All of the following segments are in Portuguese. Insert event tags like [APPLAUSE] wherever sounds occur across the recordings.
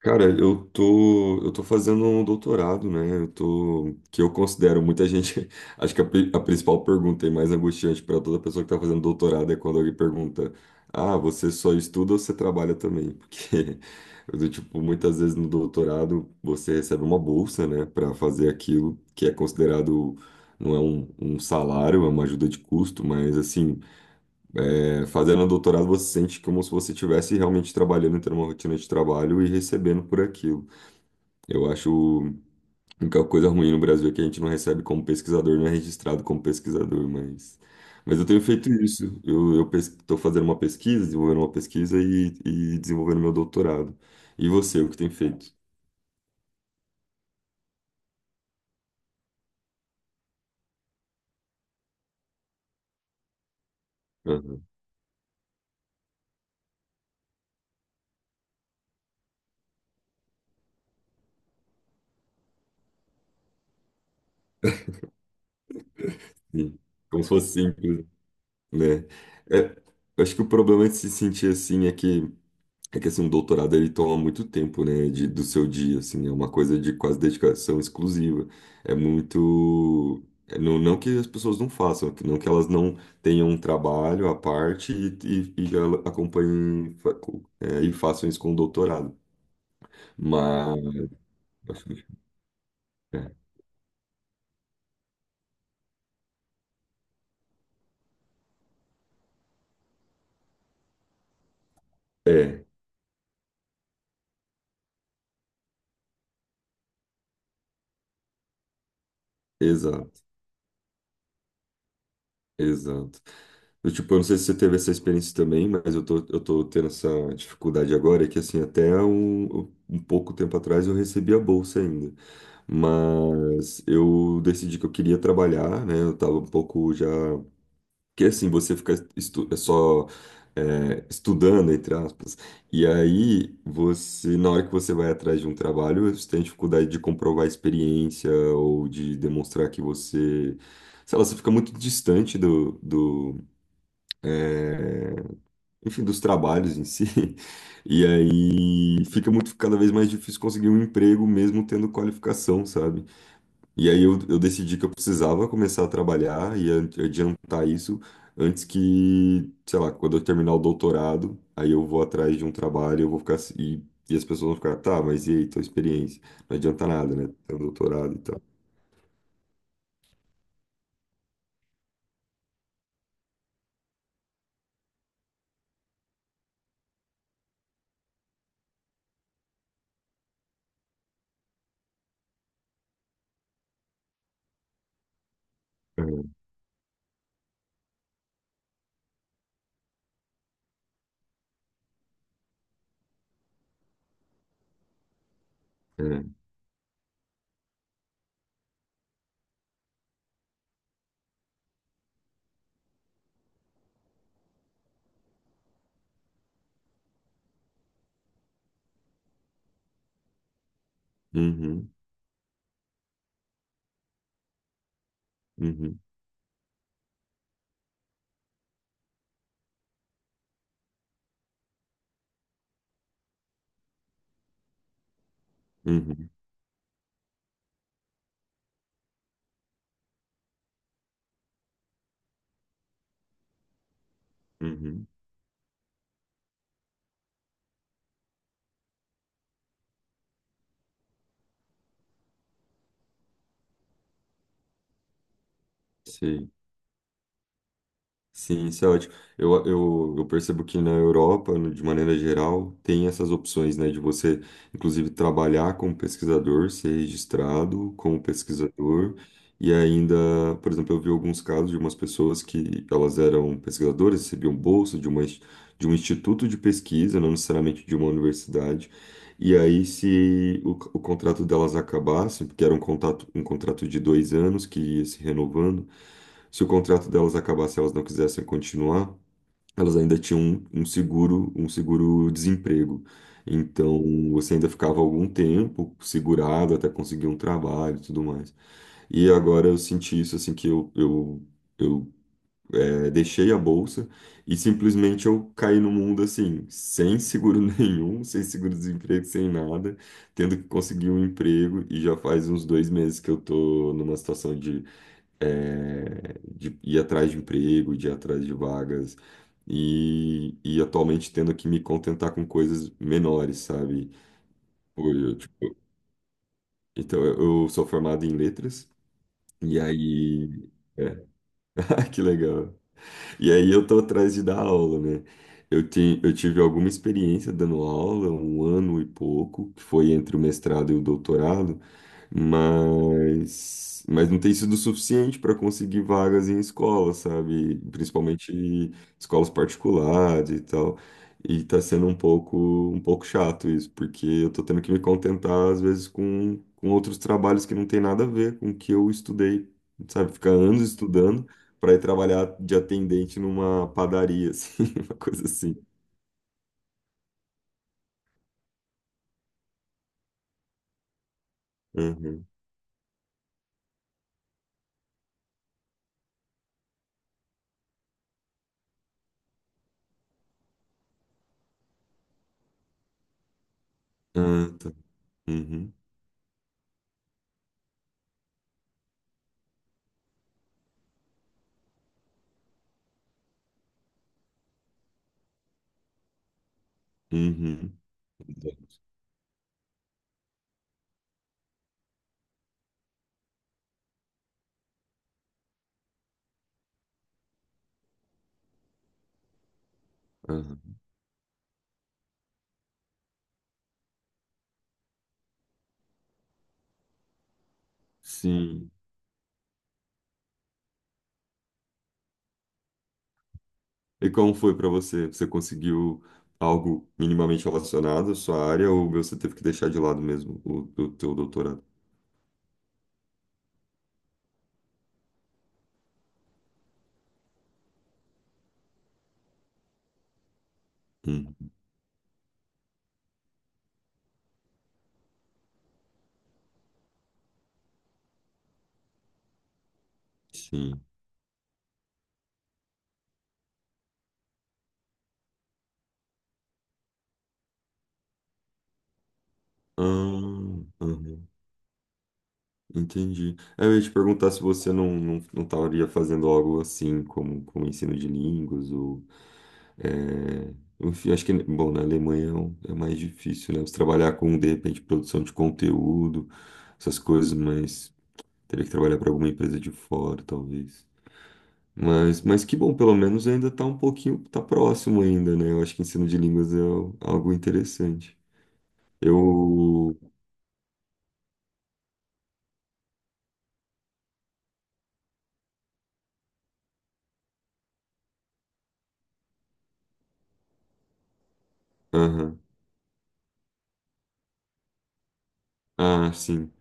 Cara, eu tô fazendo um doutorado, né? Que eu considero muita gente, [LAUGHS] acho que a principal pergunta e mais angustiante para toda pessoa que tá fazendo doutorado é quando alguém pergunta: "Ah, você só estuda ou você trabalha também?" Porque [LAUGHS] do tipo, muitas vezes no doutorado você recebe uma bolsa, né, para fazer aquilo que é considerado não é um salário, é uma ajuda de custo, mas assim, fazendo um doutorado você sente como se você estivesse realmente trabalhando, tendo uma rotina de trabalho e recebendo por aquilo. Eu acho a única coisa ruim no Brasil é que a gente não recebe como pesquisador, não é registrado como pesquisador, mas eu tenho feito isso. Eu estou fazendo uma pesquisa, desenvolvendo uma pesquisa e desenvolvendo meu doutorado. E você, o que tem feito? Aham, sim. Como se fosse simples, né? É, eu acho que o problema de se sentir assim é que assim, um doutorado ele toma muito tempo, né, do seu dia, assim, é uma coisa de quase dedicação exclusiva. É muito, é, não, não que as pessoas não façam, é que- não que elas não tenham um trabalho à parte e já acompanhem e façam isso com o doutorado. Mas é, é, exato, exato. Eu, tipo, eu não sei se você teve essa experiência também, mas eu tô tendo essa dificuldade agora, é que assim, até um pouco tempo atrás eu recebi a bolsa ainda. Mas eu decidi que eu queria trabalhar, né? Eu tava um pouco já. Porque assim, você fica estudando, entre aspas, e aí você, na hora que você vai atrás de um trabalho, você tem dificuldade de comprovar a experiência ou de demonstrar que você. Sei lá, você fica muito distante enfim, dos trabalhos em si. [LAUGHS] E aí fica muito cada vez mais difícil conseguir um emprego mesmo tendo qualificação, sabe? E aí eu decidi que eu precisava começar a trabalhar e adiantar isso antes que, sei lá, quando eu terminar o doutorado, aí eu vou atrás de um trabalho, eu vou ficar se- e as pessoas vão ficar, tá, mas e aí, tua experiência? Não adianta nada, né? Ter um doutorado e tal. É, é. Uhum, uhum, uhum, uhum, sei. Sim, isso é ótimo. Eu percebo que na Europa, de maneira geral, tem essas opções, né, de você, inclusive, trabalhar como pesquisador, ser registrado como pesquisador, e ainda, por exemplo, eu vi alguns casos de umas pessoas que elas eram pesquisadoras, recebiam bolsa de de um instituto de pesquisa, não necessariamente de uma universidade, e aí, se o, o contrato delas acabasse, porque era um contrato de dois anos que ia se renovando, se o contrato delas acabasse e elas não quisessem continuar, elas ainda tinham um seguro, um seguro-desemprego. Então, você ainda ficava algum tempo segurado até conseguir um trabalho e tudo mais. E agora eu senti isso, assim, que eu Deixei a bolsa e simplesmente eu caí no mundo assim, sem seguro [LAUGHS] nenhum, sem seguro-desemprego, sem nada, tendo que conseguir um emprego e já faz uns dois meses que eu tô numa situação de ir atrás de emprego, de ir atrás de vagas e atualmente tendo que me contentar com coisas menores, sabe? Pô, eu, tipo, então eu sou formado em letras e aí... é, [LAUGHS] que legal. E aí eu tô atrás de dar aula, né? Eu tive alguma experiência dando aula, um ano e pouco, que foi entre o mestrado e o doutorado, mas não tem sido suficiente para conseguir vagas em escolas, sabe? Principalmente escolas particulares e tal. E tá sendo um pouco chato isso, porque eu tô tendo que me contentar, às vezes, com outros trabalhos que não tem nada a ver com o que eu estudei, sabe? Ficar anos estudando para ir trabalhar de atendente numa padaria, assim, [LAUGHS] uma coisa assim. Uhum. Ah, tá. Uhum. Uhum. Aham. Sim. E como foi para você? Você conseguiu algo minimamente relacionado à sua área ou você teve que deixar de lado mesmo o teu doutorado? Hum, Sim. Ah, aham. Entendi. É, Eu ia te perguntar se você não estaria fazendo algo assim como, como ensino de línguas ou É, Enfim, acho que, bom, na Alemanha é é mais difícil, né? Você trabalhar com, de repente, produção de conteúdo, essas coisas, mas teria que trabalhar para alguma empresa de fora, talvez. Mas que bom, pelo menos ainda está um pouquinho, tá próximo ainda, né? Eu acho que ensino de línguas é algo interessante. Eu. Aham. Ah, sim.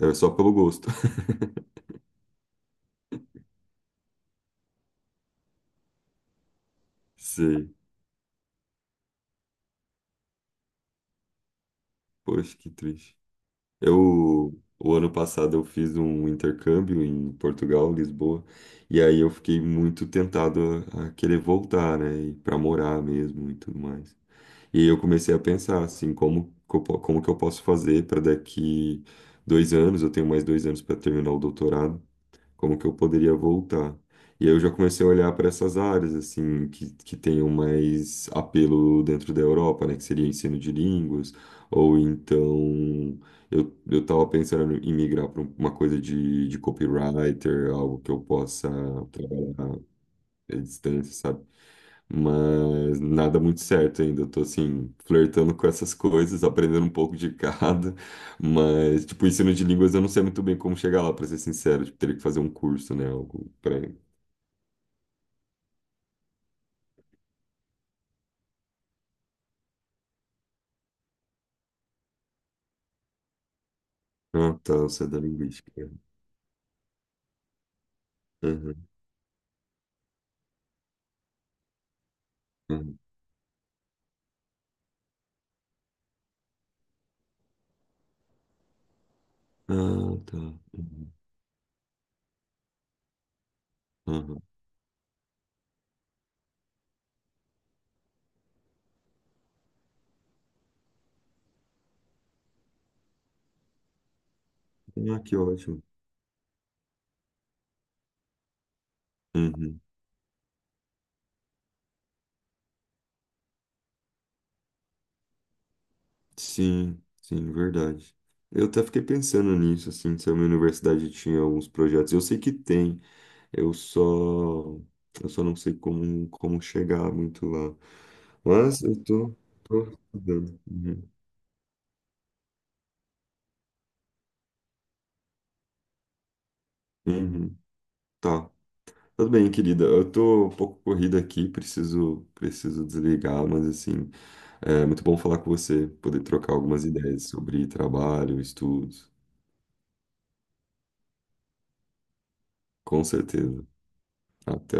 É, é só pelo gosto. [LAUGHS] Sei. Poxa, que triste. Eu, o ano passado eu fiz um intercâmbio em Portugal, Lisboa, e aí eu fiquei muito tentado a querer voltar, né, e para morar mesmo e tudo mais. E aí eu comecei a pensar assim, como que como que eu posso fazer para daqui dois anos, eu tenho mais dois anos para terminar o doutorado, como que eu poderia voltar. E aí eu já comecei a olhar para essas áreas, assim, que tenham mais apelo dentro da Europa, né? Que seria ensino de línguas, ou então eu tava pensando em migrar para uma coisa de copywriter, algo que eu possa trabalhar à distância, sabe? Mas nada muito certo ainda. Eu tô assim, flertando com essas coisas, aprendendo um pouco de cada. [LAUGHS] Mas, tipo, ensino de línguas eu não sei muito bem como chegar lá, pra ser sincero. Tipo, teria que fazer um curso, né? Algo pra. Ah, tá, você é da linguística. Uhum, uhum. Ah, tá. Uhum, uhum. Ah, que ótimo. Uhum. Sim, sim, verdade. Eu até fiquei pensando nisso, assim, se a minha universidade tinha alguns projetos. Eu sei que tem. Eu só, eu só não sei como, como chegar muito lá. Mas tô estudando. Uhum. Uhum. Tá. Tudo bem, querida. Eu tô um pouco corrida aqui, preciso desligar, mas assim, é muito bom falar com você, poder trocar algumas ideias sobre trabalho, estudos. Com certeza. Até.